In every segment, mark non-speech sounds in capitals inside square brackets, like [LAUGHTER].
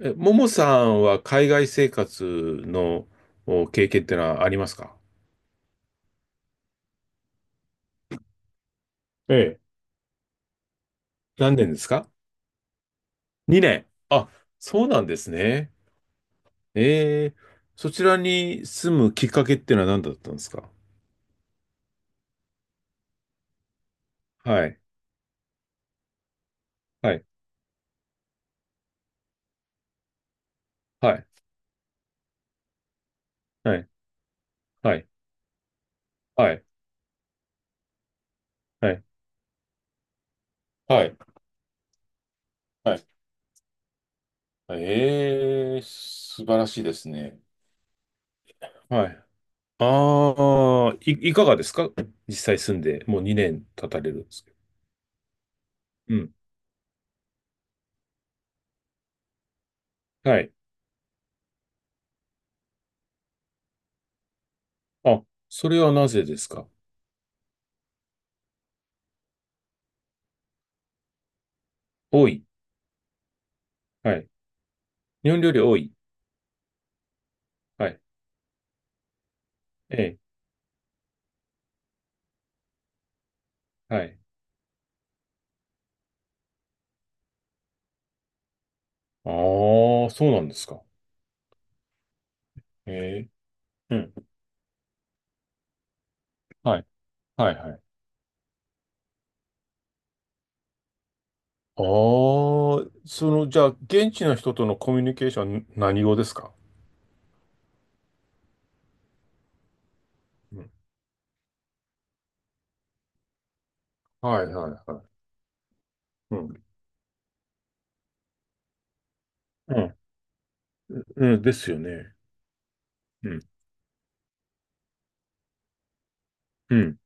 え、ももさんは海外生活のお経験ってのはありますか？ええ、何年ですか？ 2 年。あ、そうなんですね。ええ、そちらに住むきっかけってのは何だったんですか？はい、はい、はい、はい、はい、はい、はい、はい、はい。ええ、素晴らしいですね。はい。ああ、いかがですか？実際住んで、もう2年経たれるんですけど。うん。はい。あ、それはなぜですか？多い。はい。日本料理多い。はい。ええ。はい。ああ、そうなんですか。ええ。うん。はい。はい、はい。ああ、その、じゃあ、現地の人とのコミュニケーション、何語ですか？うん。はい、はい、はい。うん。うん。うん、ですよね。うん。うん。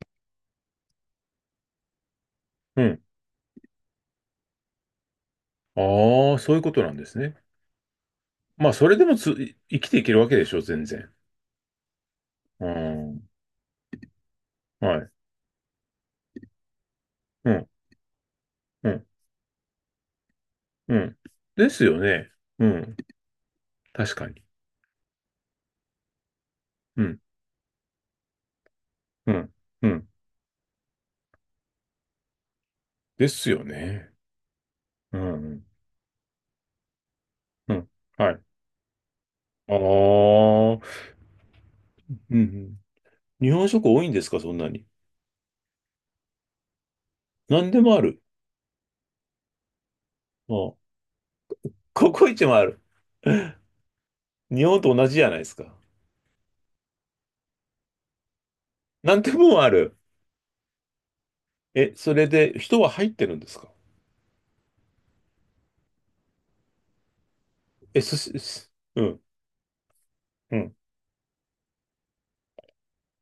うん。ああ、そういうことなんですね。まあ、それでも生きていけるわけでしょ、全然。うん。はい。うん。うん。うん。ですよね。うん。確かに。うん。うん。うん。ですよね。うん、うん、うん。はい。ああ、うん、うん。日本食多いんですか、そんなに？何でもある。ああ、ココイチもある。[LAUGHS] 日本と同じじゃないですか。何でもある。え、それで人は入ってるんですか？え、うん、うん。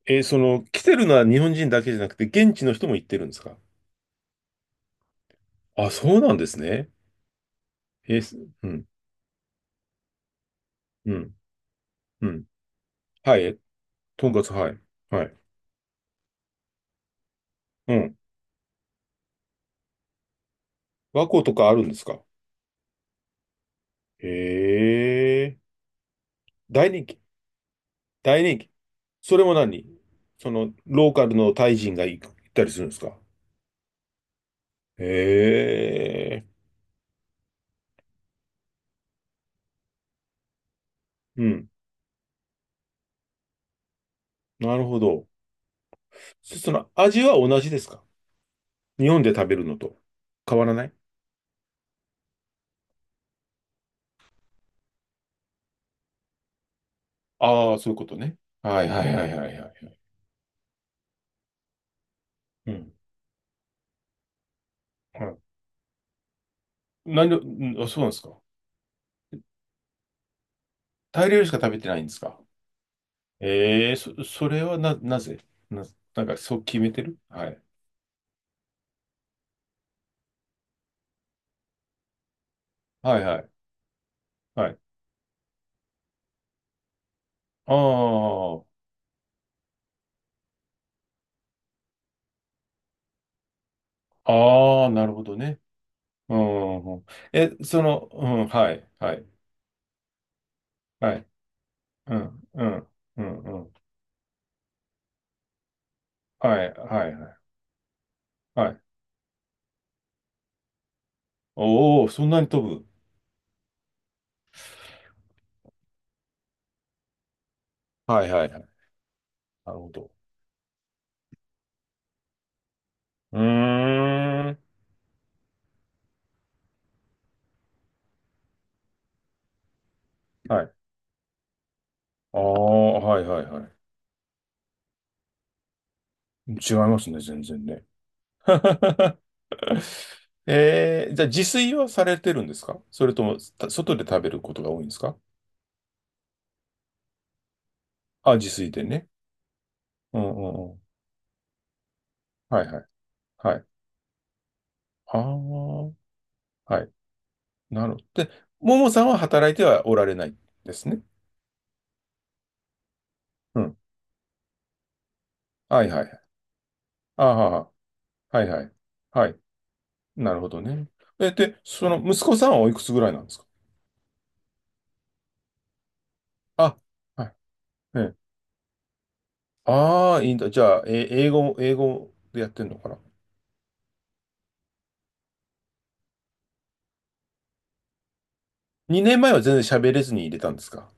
え、その、来てるのは日本人だけじゃなくて、現地の人も行ってるんですか？あ、そうなんですね。え、すうん、うん、うん。はい、とんかつ、はい、はい。うん。和光とかあるんですか？へえ、大人気。大人気。それも何？その、ローカルのタイ人が行ったりするんですか？へえ。うん。なるほど。その、味は同じですか？日本で食べるのと変わらない？ああ、そういうことね。はいはいはいはいはいはい。うん。はい。うん。あ、そうなんですか。タイ料理しか食べてないんですか。ええ、それはなぜな、なんかそう決めてる？はい。はいはい。はい。ああ、ああ、なるほどね。うん。え、その、うん、はい、はい、はい、うん、うん、うん、うん、はい、はい、はい、はい。おお、そんなに飛ぶ？はい、はい、はい。なるほど。うーん、はい。ああ、はい、はい、はい。違いますね、全然ね。[LAUGHS] じゃあ自炊はされてるんですか？それとも、外で食べることが多いんですか？あ、自炊でね。うんうんうん。はいはい。はい。ああ、はい。なるほど。で、ももさんは働いてはおられないですね。うん。はいはい。ああ、はいはい。はい。なるほどね。え、で、その息子さんはおいくつぐらいなんですか？あ、はい。ええ、ああー、いいんだ。じゃあ、え、英語でやってんのかな？ 2 年前は全然喋れずに入れたんですか？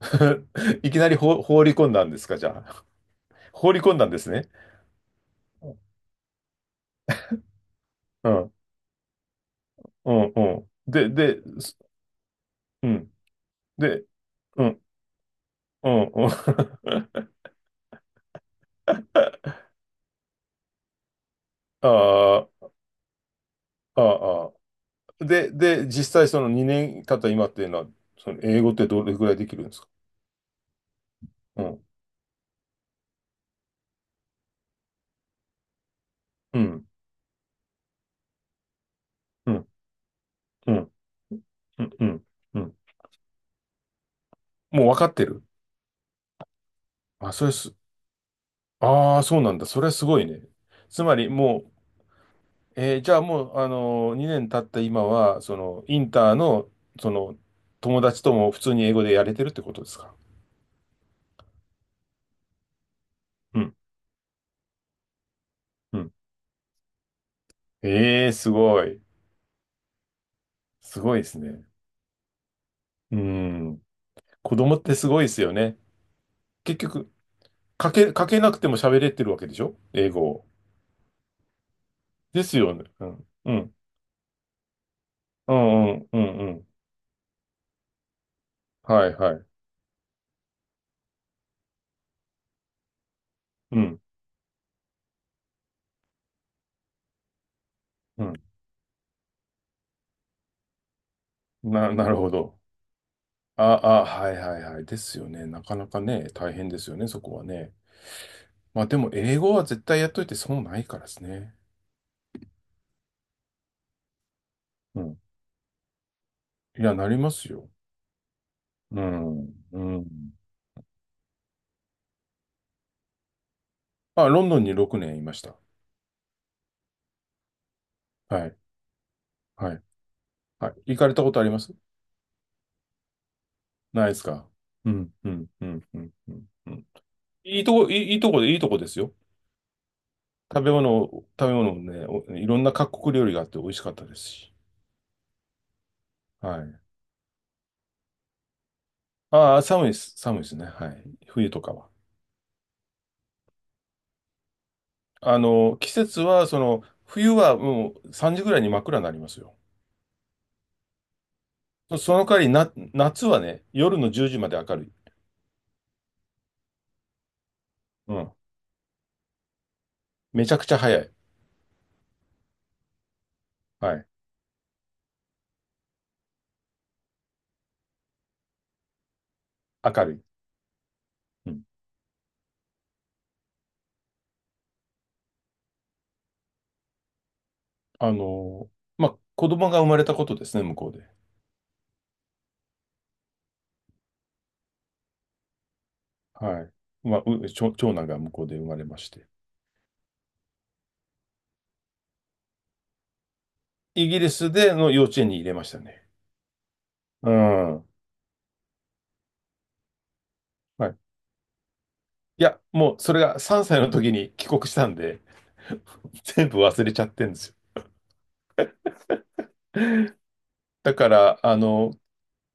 [LAUGHS] いきなり放り込んだんですか、じゃあ？[LAUGHS] 放り込んだんですね。うん、うん、うん。で、うん。で、うん、うん、うん。[LAUGHS] ああ、ああ、あ。で、実際その2年経った今っていうのは、その英語ってどれぐらいできるんですか？うん、うん、うん、うん、うん、うん。うん、もう分かってる？あ、それす、ああ、そうなんだ。それはすごいね。つまりもう、じゃあもう、2年経った今は、その、インターの、その、友達とも普通に英語でやれてるってことですか？うん、うん。ええ、すごい。すごいですね。うん。子供ってすごいですよね。結局、かけなくても喋れてるわけでしょ、英語を？ですよね。うん。うん。うんうんうんうん。はいはい。うん。うん。なるほど。あ、あ、はいはいはい。ですよね。なかなかね、大変ですよね、そこはね。まあでも、英語は絶対やっといて損ないからですね。うん。いや、なりますよ。うん。うん。あ、ロンドンに6年いました。はい。はい。はい。行かれたことあります？ないですか？うん。うん。うん。うん。うん。うん。いいとこで、いいとこですよ。食べ物もね、いろんな各国料理があって美味しかったですし。はい。ああ、寒いです。寒いですね。はい。冬とかは。季節は、その、冬はもう3時ぐらいに真っ暗になりますよ。その代わりな、夏はね、夜の10時まで明るい。うん。めちゃくちゃ早い。はい。明るい。うん。あの、まあ、子供が生まれたことですね、向こうで。はい。まあ、長男が向こうで生まれまして。イギリスでの幼稚園に入れましたね。うん。はい。いや、もうそれが3歳の時に帰国したんで、[LAUGHS] 全部忘れちゃってるんですよ。だから、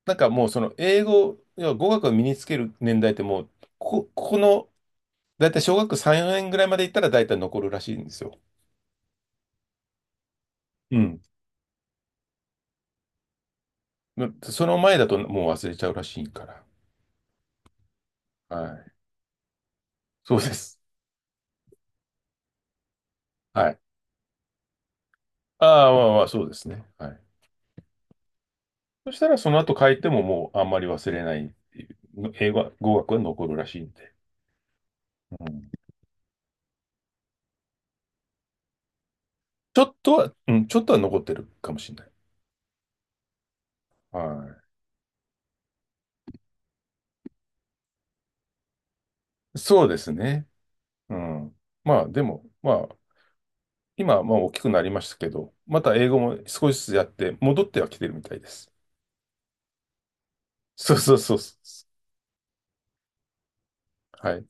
なんかもうその英語、要は語学を身につける年代ってもう、ここ、ここの、だいたい小学3、4年ぐらいまで行ったらだいたい残るらしいんですよ。うん。その前だともう忘れちゃうらしいから。はい。そうです。はい。ああ、まあまあ、そうですね。はい。そしたらその後帰ってももうあんまり忘れないっていう、英語は、語学は残るらしいんで。うん。ちょっとは、うん、ちょっとは残ってるかもしれない。はい。そうですね。うん。まあ、でも、まあ、今はまあ大きくなりましたけど、また英語も少しずつやって、戻ってはきてるみたいです。そうそうそうそう。はい。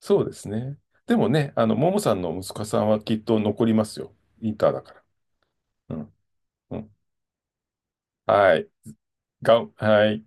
そうですね。でもね、ももさんの息子さんはきっと残りますよ。インターだから。うん。うん。はい。はい。